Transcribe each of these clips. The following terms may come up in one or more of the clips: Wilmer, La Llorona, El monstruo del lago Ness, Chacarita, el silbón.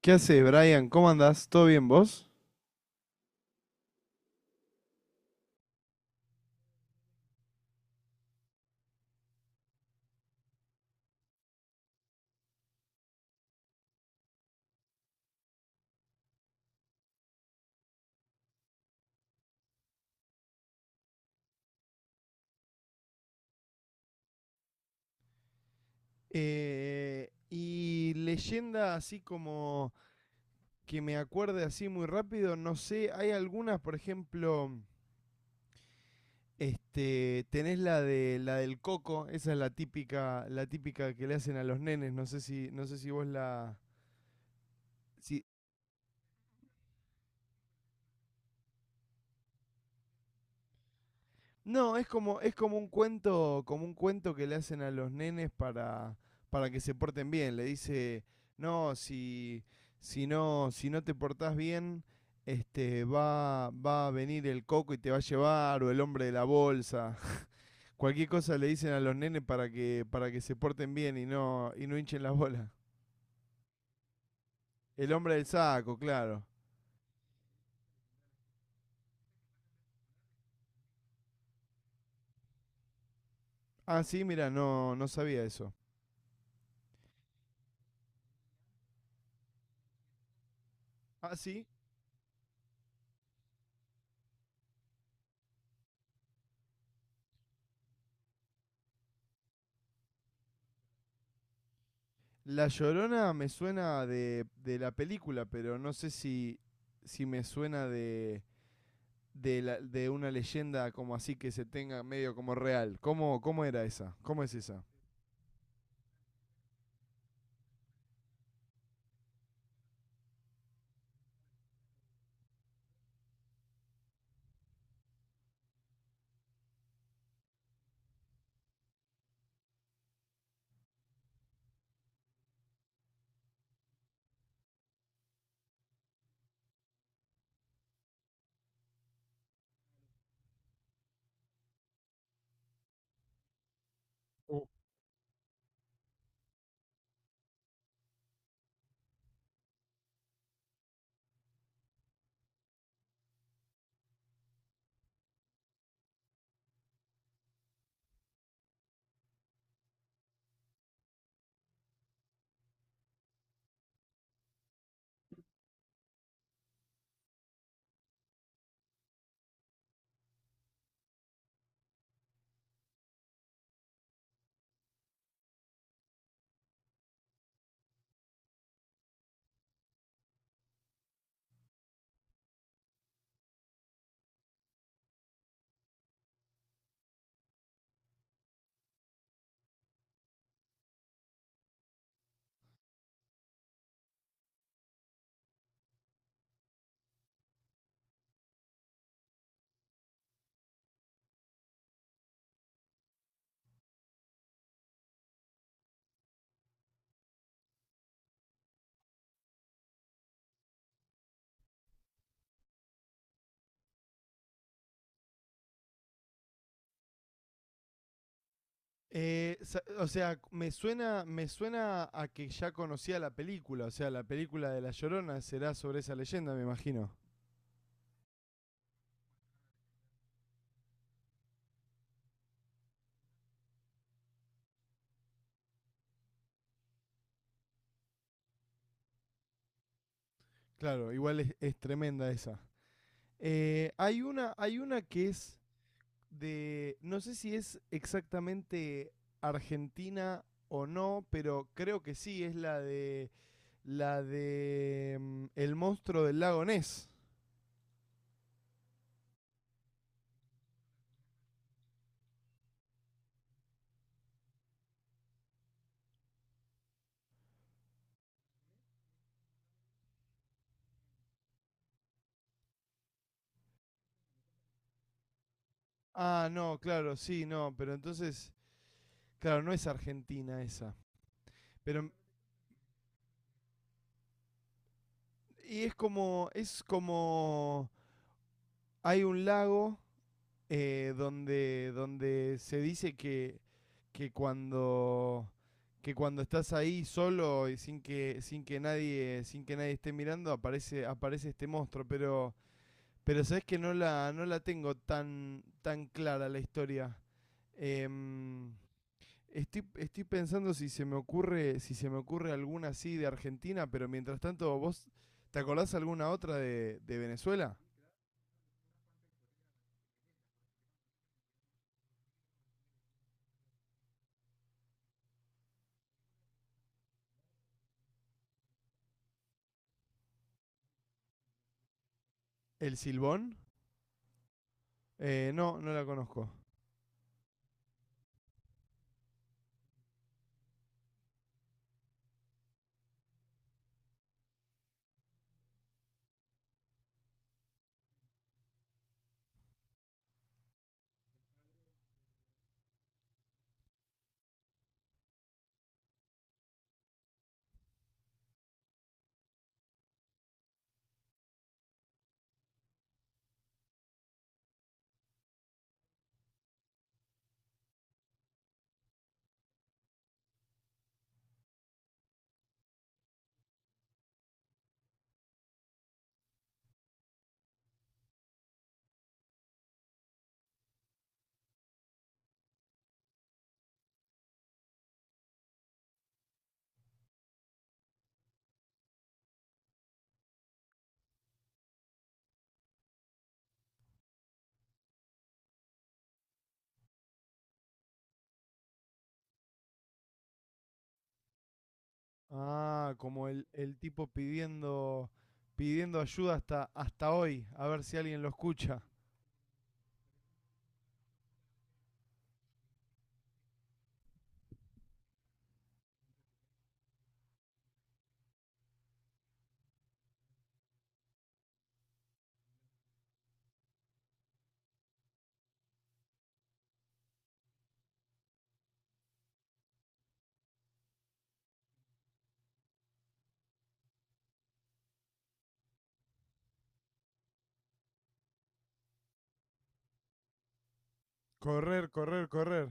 ¿Qué haces, Brian? ¿Cómo andás? ¿Todo bien vos? Y leyenda así como que me acuerde así muy rápido, no sé, hay algunas, por ejemplo, este, tenés la del coco, esa es la típica que le hacen a los nenes, no sé si vos la, si, No, es como un cuento que le hacen a los nenes para que se porten bien. Le dice, no, si, si no, si no te portás bien, este, va a venir el coco y te va a llevar, o el hombre de la bolsa. Cualquier cosa le dicen a los nenes para que se porten bien y no hinchen las bolas. El hombre del saco, claro. Ah, sí, mira, no sabía eso. Ah, sí. La Llorona me suena de la película, pero no sé si, si me suena de, la- de una leyenda como así que se tenga medio como real. ¿Cómo, cómo era esa? ¿Cómo es esa? Oh. Sa- o sea, me suena a que ya conocía la película, o sea, la película de La Llorona será sobre esa leyenda, me imagino. Claro, igual es tremenda esa. Hay una que es de, no sé si es exactamente Argentina o no, pero creo que sí, es la de El monstruo del lago Ness. Ah, no, claro, sí, no, pero entonces, claro, no es Argentina esa. Pero, y es como, hay un lago donde, donde se dice que cuando que cuando estás ahí solo y sin que nadie esté mirando aparece este monstruo, pero sabes que no la tengo tan clara la historia. Em, Estoy, estoy pensando si se me ocurre alguna así de Argentina, pero mientras tanto vos te acordás alguna otra de Venezuela. El silbón. No la conozco. Ah, como el tipo pidiendo, pidiendo ayuda hasta, hasta hoy, a ver si alguien lo escucha. Correr, correr, correr.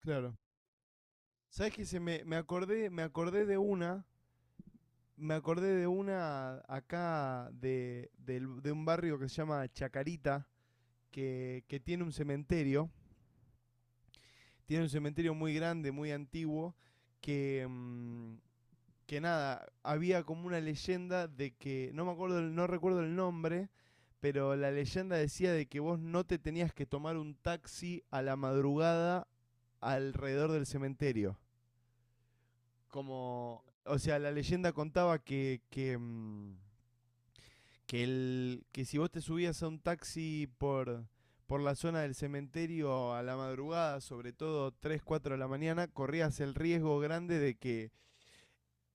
Claro. ¿Sabes qué? Me acordé de una, me acordé de una acá de, del- de un barrio que se llama Chacarita, que tiene un cementerio muy grande, muy antiguo, que, mm, que nada, había como una leyenda de que, no me acuerdo, no recuerdo el nombre, pero la leyenda decía de que vos no te tenías que tomar un taxi a la madrugada alrededor del cementerio. Como, o sea, la leyenda contaba que, mm, que, el, que si vos te subías a un taxi por la zona del cementerio a la madrugada, sobre todo 3 4 de la mañana, corrías el riesgo grande de que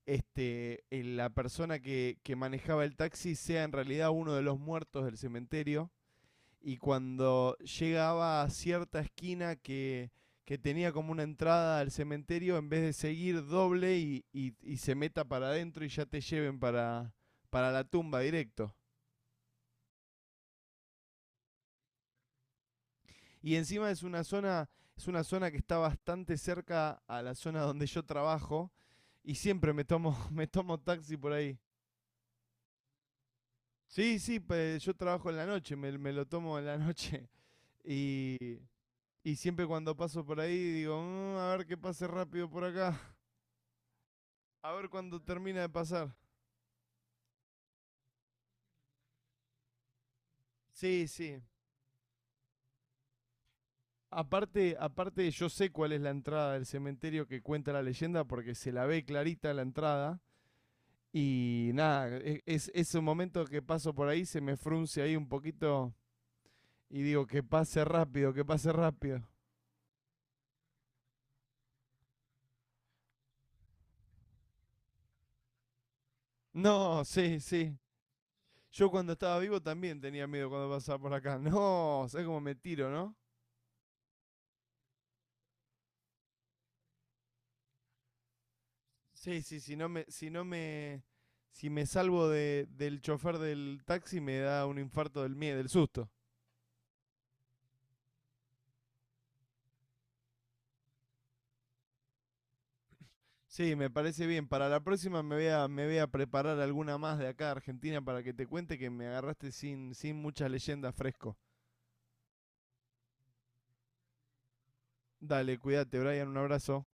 este, la persona que manejaba el taxi sea en realidad uno de los muertos del cementerio. Y cuando llegaba a cierta esquina que tenía como una entrada al cementerio, en vez de seguir doble y se meta para adentro y ya te lleven para la tumba directo. Y encima es una zona que está bastante cerca a la zona donde yo trabajo y siempre me tomo, me tomo taxi por ahí. Sí, sí, pe- yo trabajo en la noche, me lo tomo en la noche. Y, y siempre cuando paso por ahí digo, "Mm, a ver que pase rápido por acá, a ver cuándo termina de pasar". Sí, sí. Aparte, aparte yo sé cuál es la entrada del cementerio que cuenta la leyenda porque se la ve clarita la entrada. Y nada, e- es un momento que paso por ahí, se me frunce ahí un poquito y digo, que pase rápido, que pase rápido. No, sí, sí. Yo cuando estaba vivo también tenía miedo cuando pasaba por acá. No, ¿sabes cómo me tiro, no? Sí, sí, si no me, si me salvo de, del chofer del taxi me da un infarto del miedo, del susto. Sí, me parece bien. Para la próxima me voy a preparar alguna más de acá de Argentina para que te cuente que me agarraste sin, sin muchas leyendas fresco. Dale, cuídate, Brian, un abrazo.